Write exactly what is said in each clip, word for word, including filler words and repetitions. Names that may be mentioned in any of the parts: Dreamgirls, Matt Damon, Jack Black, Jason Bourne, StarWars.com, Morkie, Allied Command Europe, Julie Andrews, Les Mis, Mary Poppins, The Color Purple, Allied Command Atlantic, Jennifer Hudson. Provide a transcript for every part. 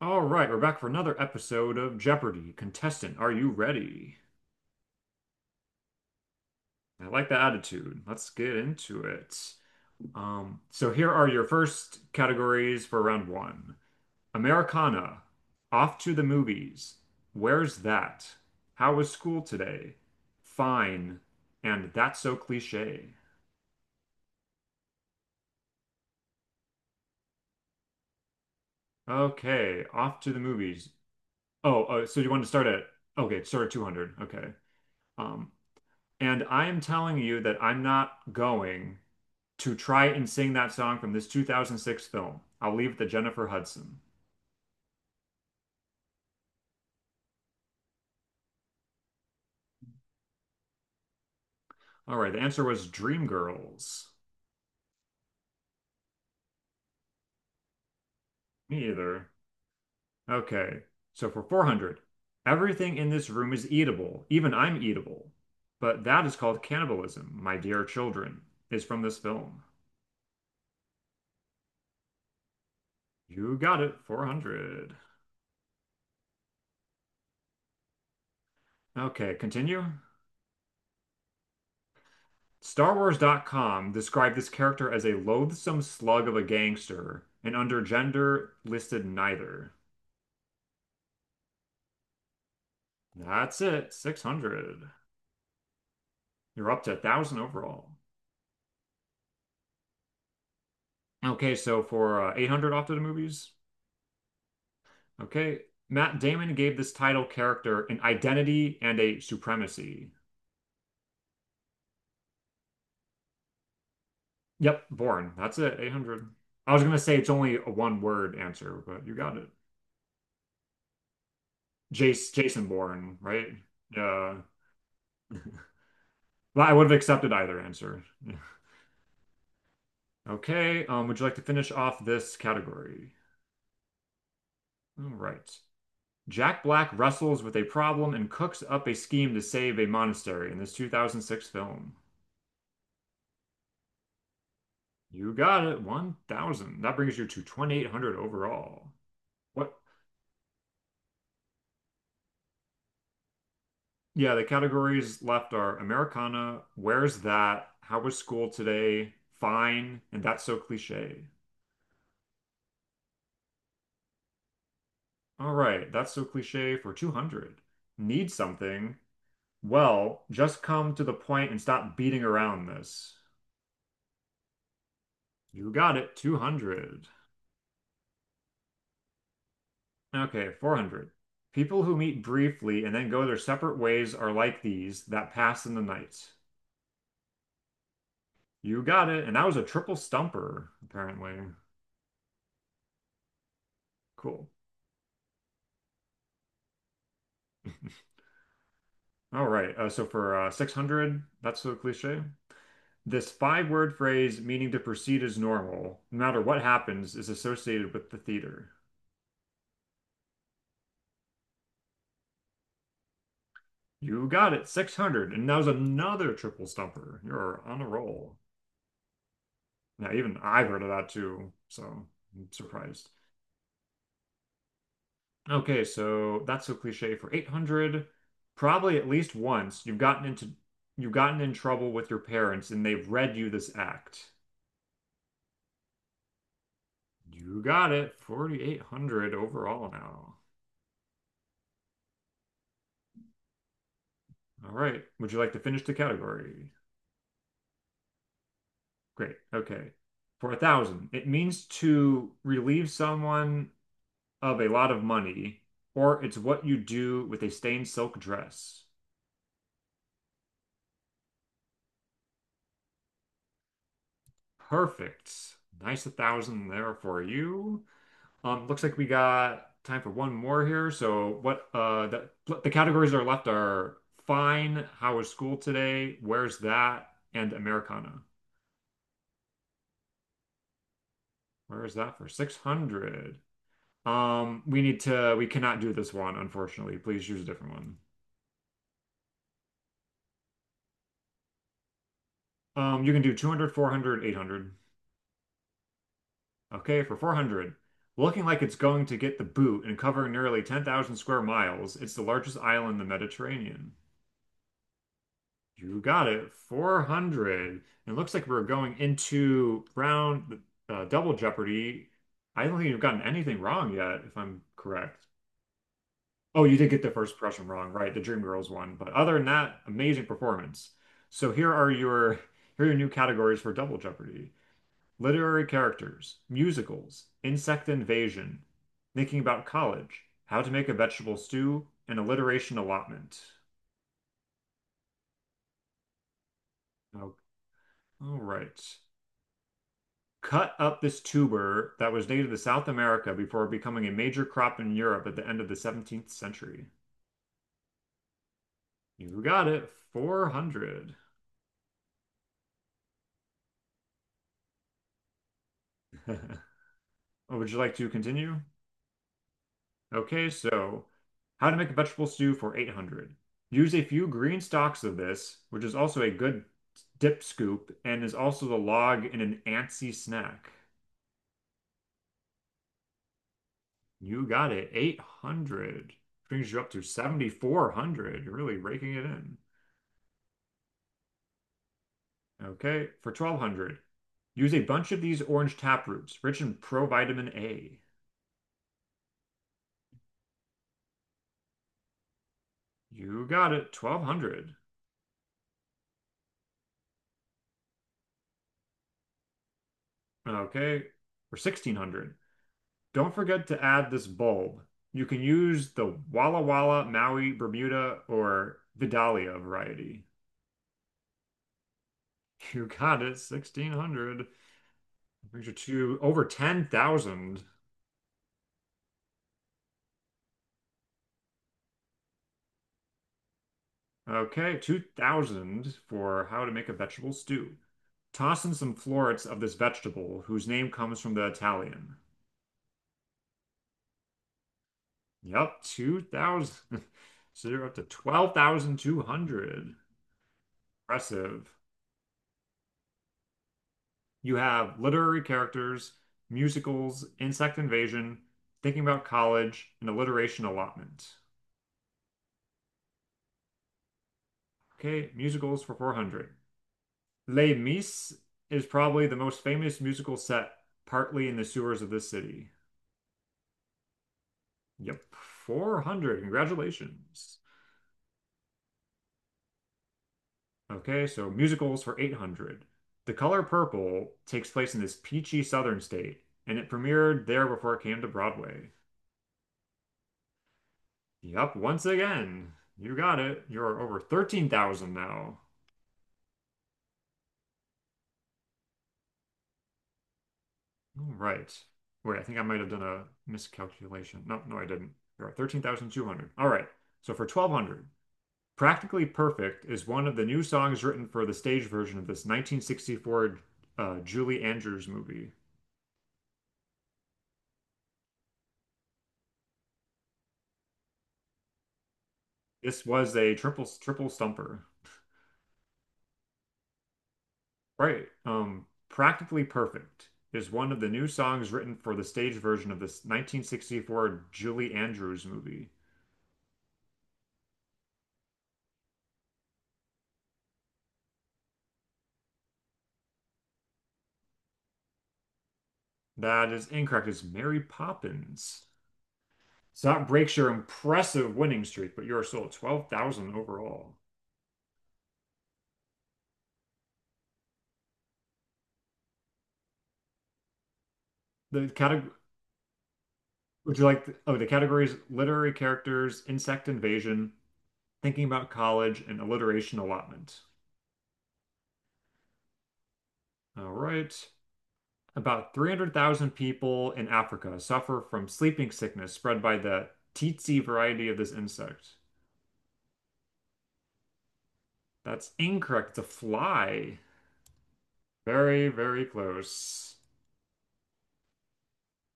All right, we're back for another episode of Jeopardy! Contestant, are you ready? I like that attitude. Let's get into it. Um, so here are your first categories for round one. Americana, off to the movies. Where's that? How was school today? Fine. And that's so cliche. Okay, off to the movies. Oh, uh, so you want to start at, okay, start at two hundred. Okay. Um, and I am telling you that I'm not going to try and sing that song from this two thousand six film. I'll leave it to Jennifer Hudson. All right, the answer was Dreamgirls. Me either. Okay, so for four hundred, everything in this room is eatable, even I'm eatable. But that is called cannibalism, my dear children, is from this film. You got it, four hundred. Okay, continue. Star Wars dot com described this character as a loathsome slug of a gangster, and under gender listed neither. That's it. six hundred. You're up to a thousand overall. Okay, so for uh, eight hundred off to the movies. Okay. Matt Damon gave this title character an identity and a supremacy. Yep, Bourne. That's it. eight hundred. I was going to say it's only a one word answer, but you got it. Jace, Jason Bourne, right? Yeah. Well, I would have accepted either answer. Okay, um, would you like to finish off this category? All right. Jack Black wrestles with a problem and cooks up a scheme to save a monastery in this two thousand six film. You got it, one thousand. That brings you to twenty-eight hundred overall. What? Yeah, the categories left are Americana, Where's That, How Was School Today, Fine, and That's So Cliche. All right, that's so cliche for two hundred. Need something? Well, just come to the point and stop beating around this. You got it, two hundred. Okay, four hundred. People who meet briefly and then go their separate ways are like these that pass in the night. You got it. And that was a triple stumper, apparently. Cool. All right. Uh, so for uh, six hundred, that's so cliche. This five-word phrase meaning to proceed as normal, no matter what happens, is associated with the theater. You got it. six hundred. And that was another triple stumper. You're on a roll. Now, even I've heard of that too. So I'm surprised. Okay, so that's a cliche for eight hundred. Probably at least once you've gotten into you've gotten in trouble with your parents and they've read you this act. You got it. forty-eight hundred overall now. All right. Would you like to finish the category? Great. Okay. For a thousand, it means to relieve someone of a lot of money, or it's what you do with a stained silk dress. Perfect. Nice a thousand there for you. Um, looks like we got time for one more here. So what uh the the categories that are left are fine, how was school today, where's that, and Americana. Where is that for six hundred? Um, we need to we cannot do this one, unfortunately. Please choose a different one. Um, you can do two hundred, four hundred, eight hundred. Okay, for four hundred. Looking like it's going to get the boot and covering nearly ten thousand square miles, it's the largest island in the Mediterranean. You got it. four hundred. It looks like we're going into round uh, double Jeopardy. I don't think you've gotten anything wrong yet, if I'm correct. Oh, you did get the first impression wrong, right? The Dreamgirls one. But other than that, amazing performance. So here are your here are your new categories for double Jeopardy. Literary characters, musicals, insect invasion, thinking about college, how to make a vegetable stew, and alliteration allotment. Oh, all right. Cut up this tuber that was native to South America before becoming a major crop in Europe at the end of the seventeenth century. You got it, four hundred. Would you like to continue? Okay, so how to make a vegetable stew for eight hundred. Use a few green stalks of this, which is also a good dip scoop and is also the log in an antsy snack. You got it, eight hundred. Brings you up to seventy-four hundred. You're really raking it in. Okay, for twelve hundred, use a bunch of these orange tap roots, rich in provitamin A. You got it, twelve hundred. Okay, for sixteen hundred, don't forget to add this bulb. You can use the Walla Walla, Maui, Bermuda, or Vidalia variety. You got it, sixteen hundred. Brings you to over ten thousand. Okay, two thousand for how to make a vegetable stew. Toss in some florets of this vegetable, whose name comes from the Italian. Yep, two thousand. So you're up to twelve thousand two hundred. Impressive. You have literary characters, musicals, insect invasion, thinking about college, and alliteration allotment. Okay, musicals for four hundred. Les Mis is probably the most famous musical set, partly in the sewers of this city. Yep, four hundred. Congratulations. Okay, so musicals for eight hundred. The Color Purple takes place in this peachy southern state, and it premiered there before it came to Broadway. Yup, once again. You got it. You're over thirteen thousand now. All right. Wait, I think I might have done a miscalculation. No, no, I didn't. You're at thirteen thousand two hundred. All right. So for twelve hundred, Practically Perfect is one of the new songs written for the stage version of this nineteen sixty-four uh, Julie Andrews movie. This was a triple triple stumper. Right. Um, Practically Perfect is one of the new songs written for the stage version of this nineteen sixty-four Julie Andrews movie. That is incorrect. It's Mary Poppins. So that breaks your impressive winning streak, but you are still at twelve thousand overall. The category, would you like, the, oh, the categories: literary characters, insect invasion, thinking about college, and alliteration allotment. All right. About three hundred thousand people in Africa suffer from sleeping sickness spread by the tsetse variety of this insect. That's incorrect. It's a fly. Very, very close.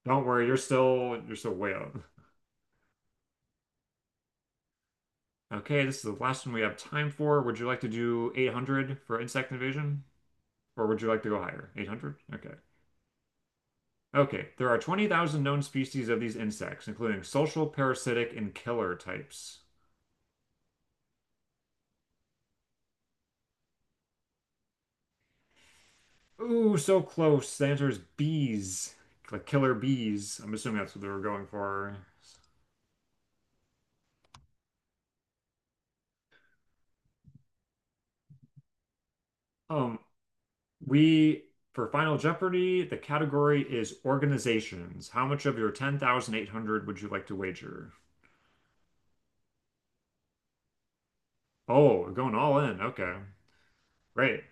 Don't worry, you're still you're still way up. Okay, this is the last one we have time for. Would you like to do eight hundred for insect invasion? Or would you like to go higher? eight hundred? Okay. Okay, there are twenty thousand known species of these insects, including social, parasitic, and killer types. Ooh, so close. The answer is bees. Like killer bees. I'm assuming that's what they were going for. Um, we for Final Jeopardy, the category is organizations. How much of your ten thousand eight hundred would you like to wager? Oh, we're going all in. Okay. Great.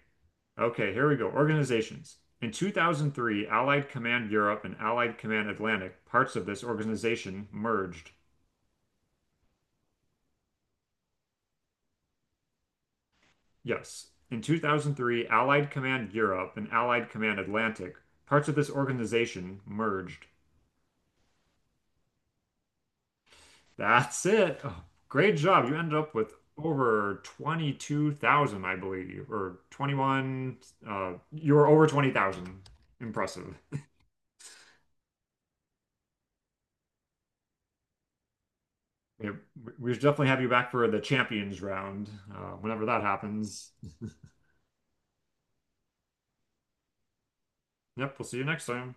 Okay, here we go. Organizations. In two thousand three, Allied Command Europe and Allied Command Atlantic, parts of this organization merged. Yes. In two thousand three, Allied Command Europe and Allied Command Atlantic, parts of this organization, merged. That's it. Oh, great job. You ended up with over twenty-two thousand, I believe, or twenty-one. Uh, you were over twenty thousand. Impressive. Yeah, we we should definitely have you back for the champions round, uh, whenever that happens. Yep, we'll see you next time.